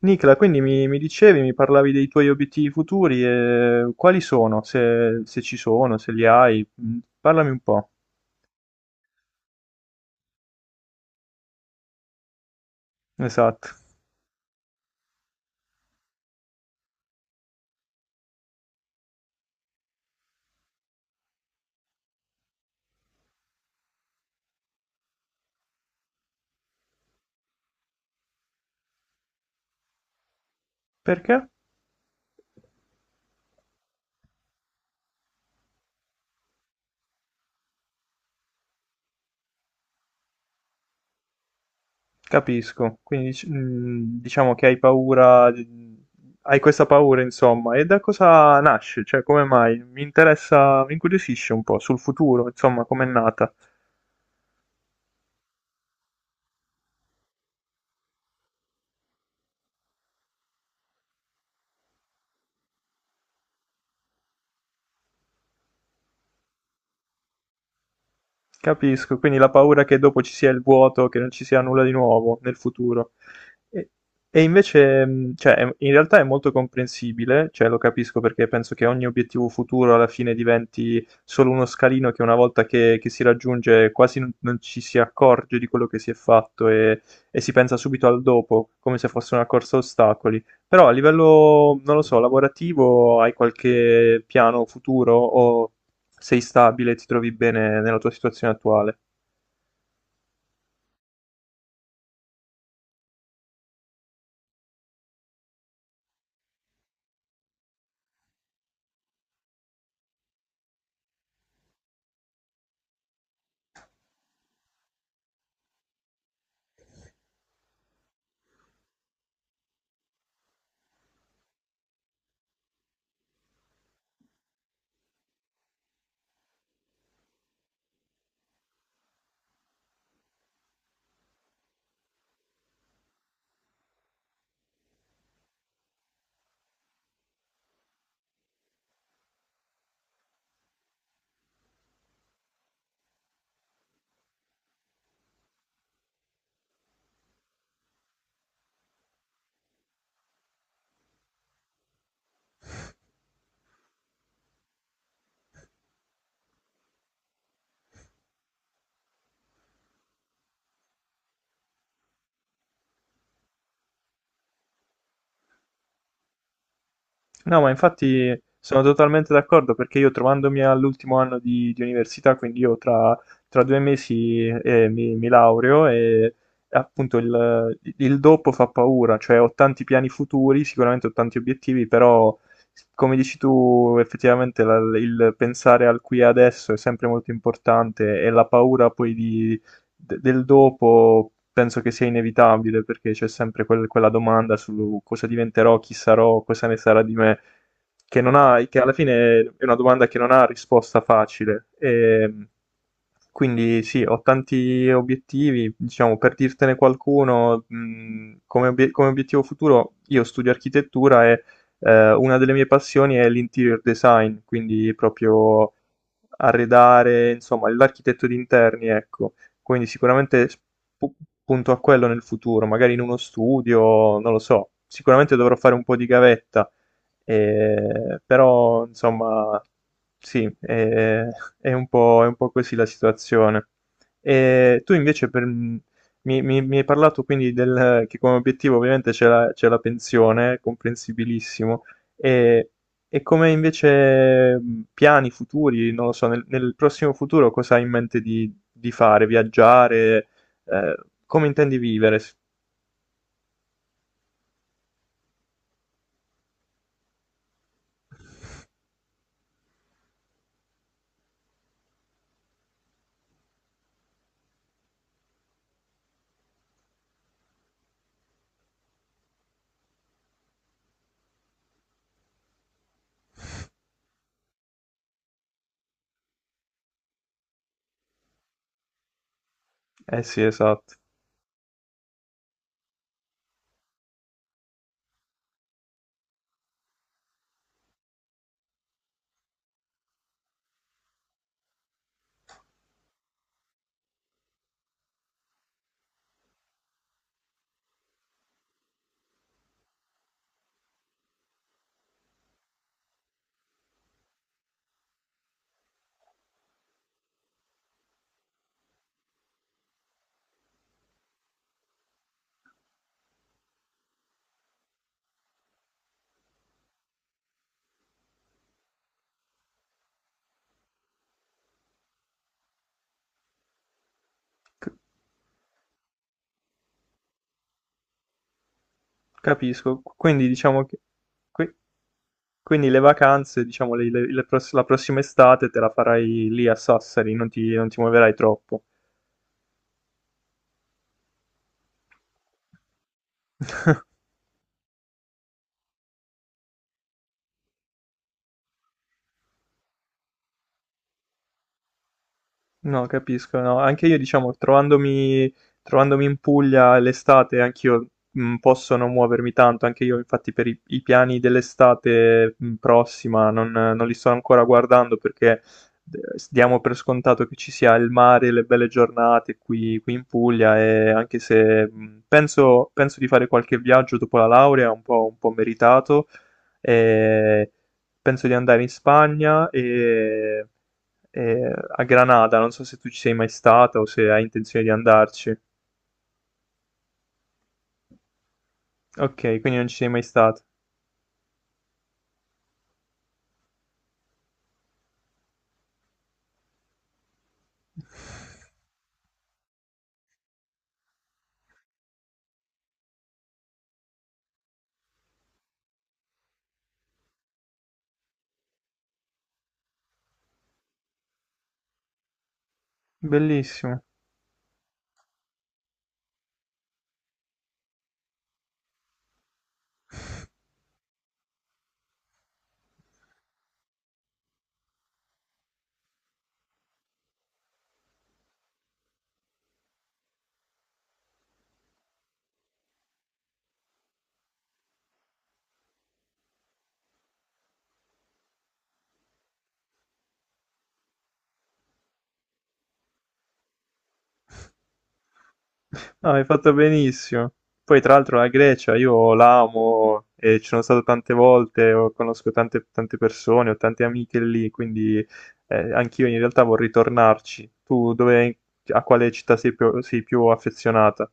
Nicola, quindi mi dicevi, mi parlavi dei tuoi obiettivi futuri e quali sono, se ci sono, se li hai, parlami un po'. Esatto. Perché? Capisco. Quindi diciamo che hai paura, hai questa paura, insomma, e da cosa nasce? Cioè, come mai? Mi interessa, mi incuriosisce un po' sul futuro, insomma, com'è nata. Capisco, quindi la paura che dopo ci sia il vuoto, che non ci sia nulla di nuovo nel futuro. E, e invece, cioè, in realtà è molto comprensibile, cioè lo capisco perché penso che ogni obiettivo futuro alla fine diventi solo uno scalino che una volta che si raggiunge quasi non ci si accorge di quello che si è fatto e si pensa subito al dopo, come se fosse una corsa a ostacoli. Però a livello, non lo so, lavorativo, hai qualche piano futuro o sei stabile, ti trovi bene nella tua situazione attuale. No, ma infatti sono totalmente d'accordo perché io trovandomi all'ultimo anno di università, quindi io tra 2 mesi mi laureo e appunto il dopo fa paura, cioè ho tanti piani futuri, sicuramente ho tanti obiettivi, però come dici tu, effettivamente il pensare al qui e adesso è sempre molto importante e la paura poi di del dopo penso che sia inevitabile perché c'è sempre quella domanda su cosa diventerò, chi sarò, cosa ne sarà di me, che, non ha, che alla fine è una domanda che non ha risposta facile. E, quindi sì, ho tanti obiettivi, diciamo, per dirtene qualcuno, come, come obiettivo futuro, io studio architettura e una delle mie passioni è l'interior design, quindi proprio arredare, insomma, l'architetto di interni, ecco. Quindi sicuramente pu- punto a quello nel futuro, magari in uno studio, non lo so, sicuramente dovrò fare un po' di gavetta però, insomma, sì, è un po' così la situazione. E tu invece mi hai parlato quindi che come obiettivo ovviamente c'è la pensione, comprensibilissimo, e, e come invece piani futuri, non lo so, nel prossimo futuro cosa hai in mente di fare? Viaggiare? Eh, Come intendi vivere? Eh sì, esatto. C- Capisco. Quindi diciamo che... qui- Quindi le vacanze, diciamo, la prossima estate te la farai lì a Sassari, non ti muoverai troppo. No, capisco, no. Anche io, diciamo, trovandomi in Puglia l'estate, anch'io posso non muovermi tanto. Anche io, infatti, per i piani dell'estate prossima non li sto ancora guardando perché diamo per scontato che ci sia il mare, le belle giornate qui in Puglia. E anche se penso di fare qualche viaggio dopo la laurea, un po' meritato, e penso di andare in Spagna e a Granada, non so se tu ci sei mai stata o se hai intenzione di andarci. Ok, quindi non ci sei mai stato. Bellissimo. No, hai fatto benissimo. Poi, tra l'altro, la Grecia io l'amo e ci sono stato tante volte, conosco tante, tante persone, ho tante amiche lì, quindi anch'io in realtà vorrei tornarci. Tu dove, a quale città sei più affezionata?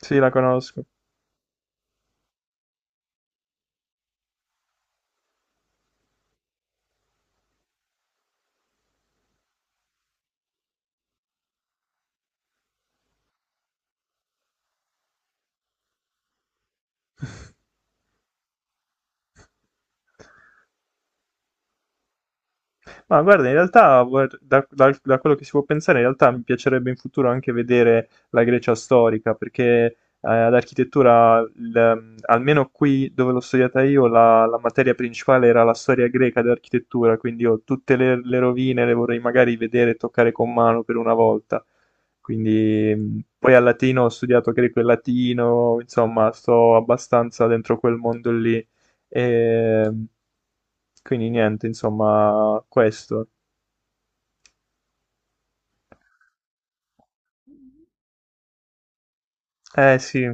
Sì, la conosco. Ma guarda, in realtà, da quello che si può pensare, in realtà mi piacerebbe in futuro anche vedere la Grecia storica, perché ad architettura, almeno qui dove l'ho studiata io, la materia principale era la storia greca dell'architettura, quindi io tutte le rovine le vorrei magari vedere e toccare con mano per una volta. Quindi, poi al latino ho studiato greco e latino, insomma, sto abbastanza dentro quel mondo lì. E, quindi niente, insomma, questo. Eh sì,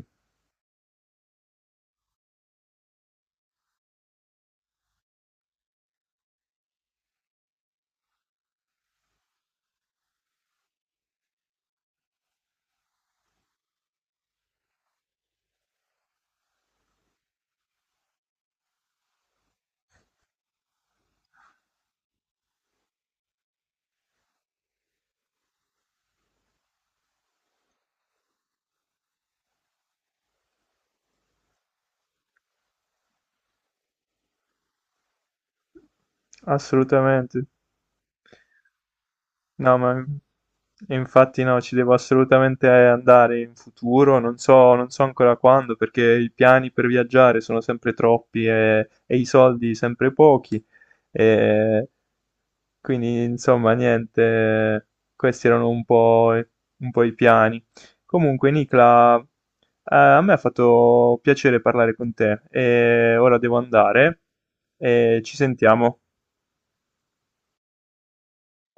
assolutamente. No, ma infatti no, ci devo assolutamente andare in futuro, non so, ancora quando, perché i piani per viaggiare sono sempre troppi e i soldi sempre pochi. E, quindi, insomma, niente, questi erano un po', un po' i piani. Comunque, Nicla, a me ha fatto piacere parlare con te e ora devo andare e ci sentiamo.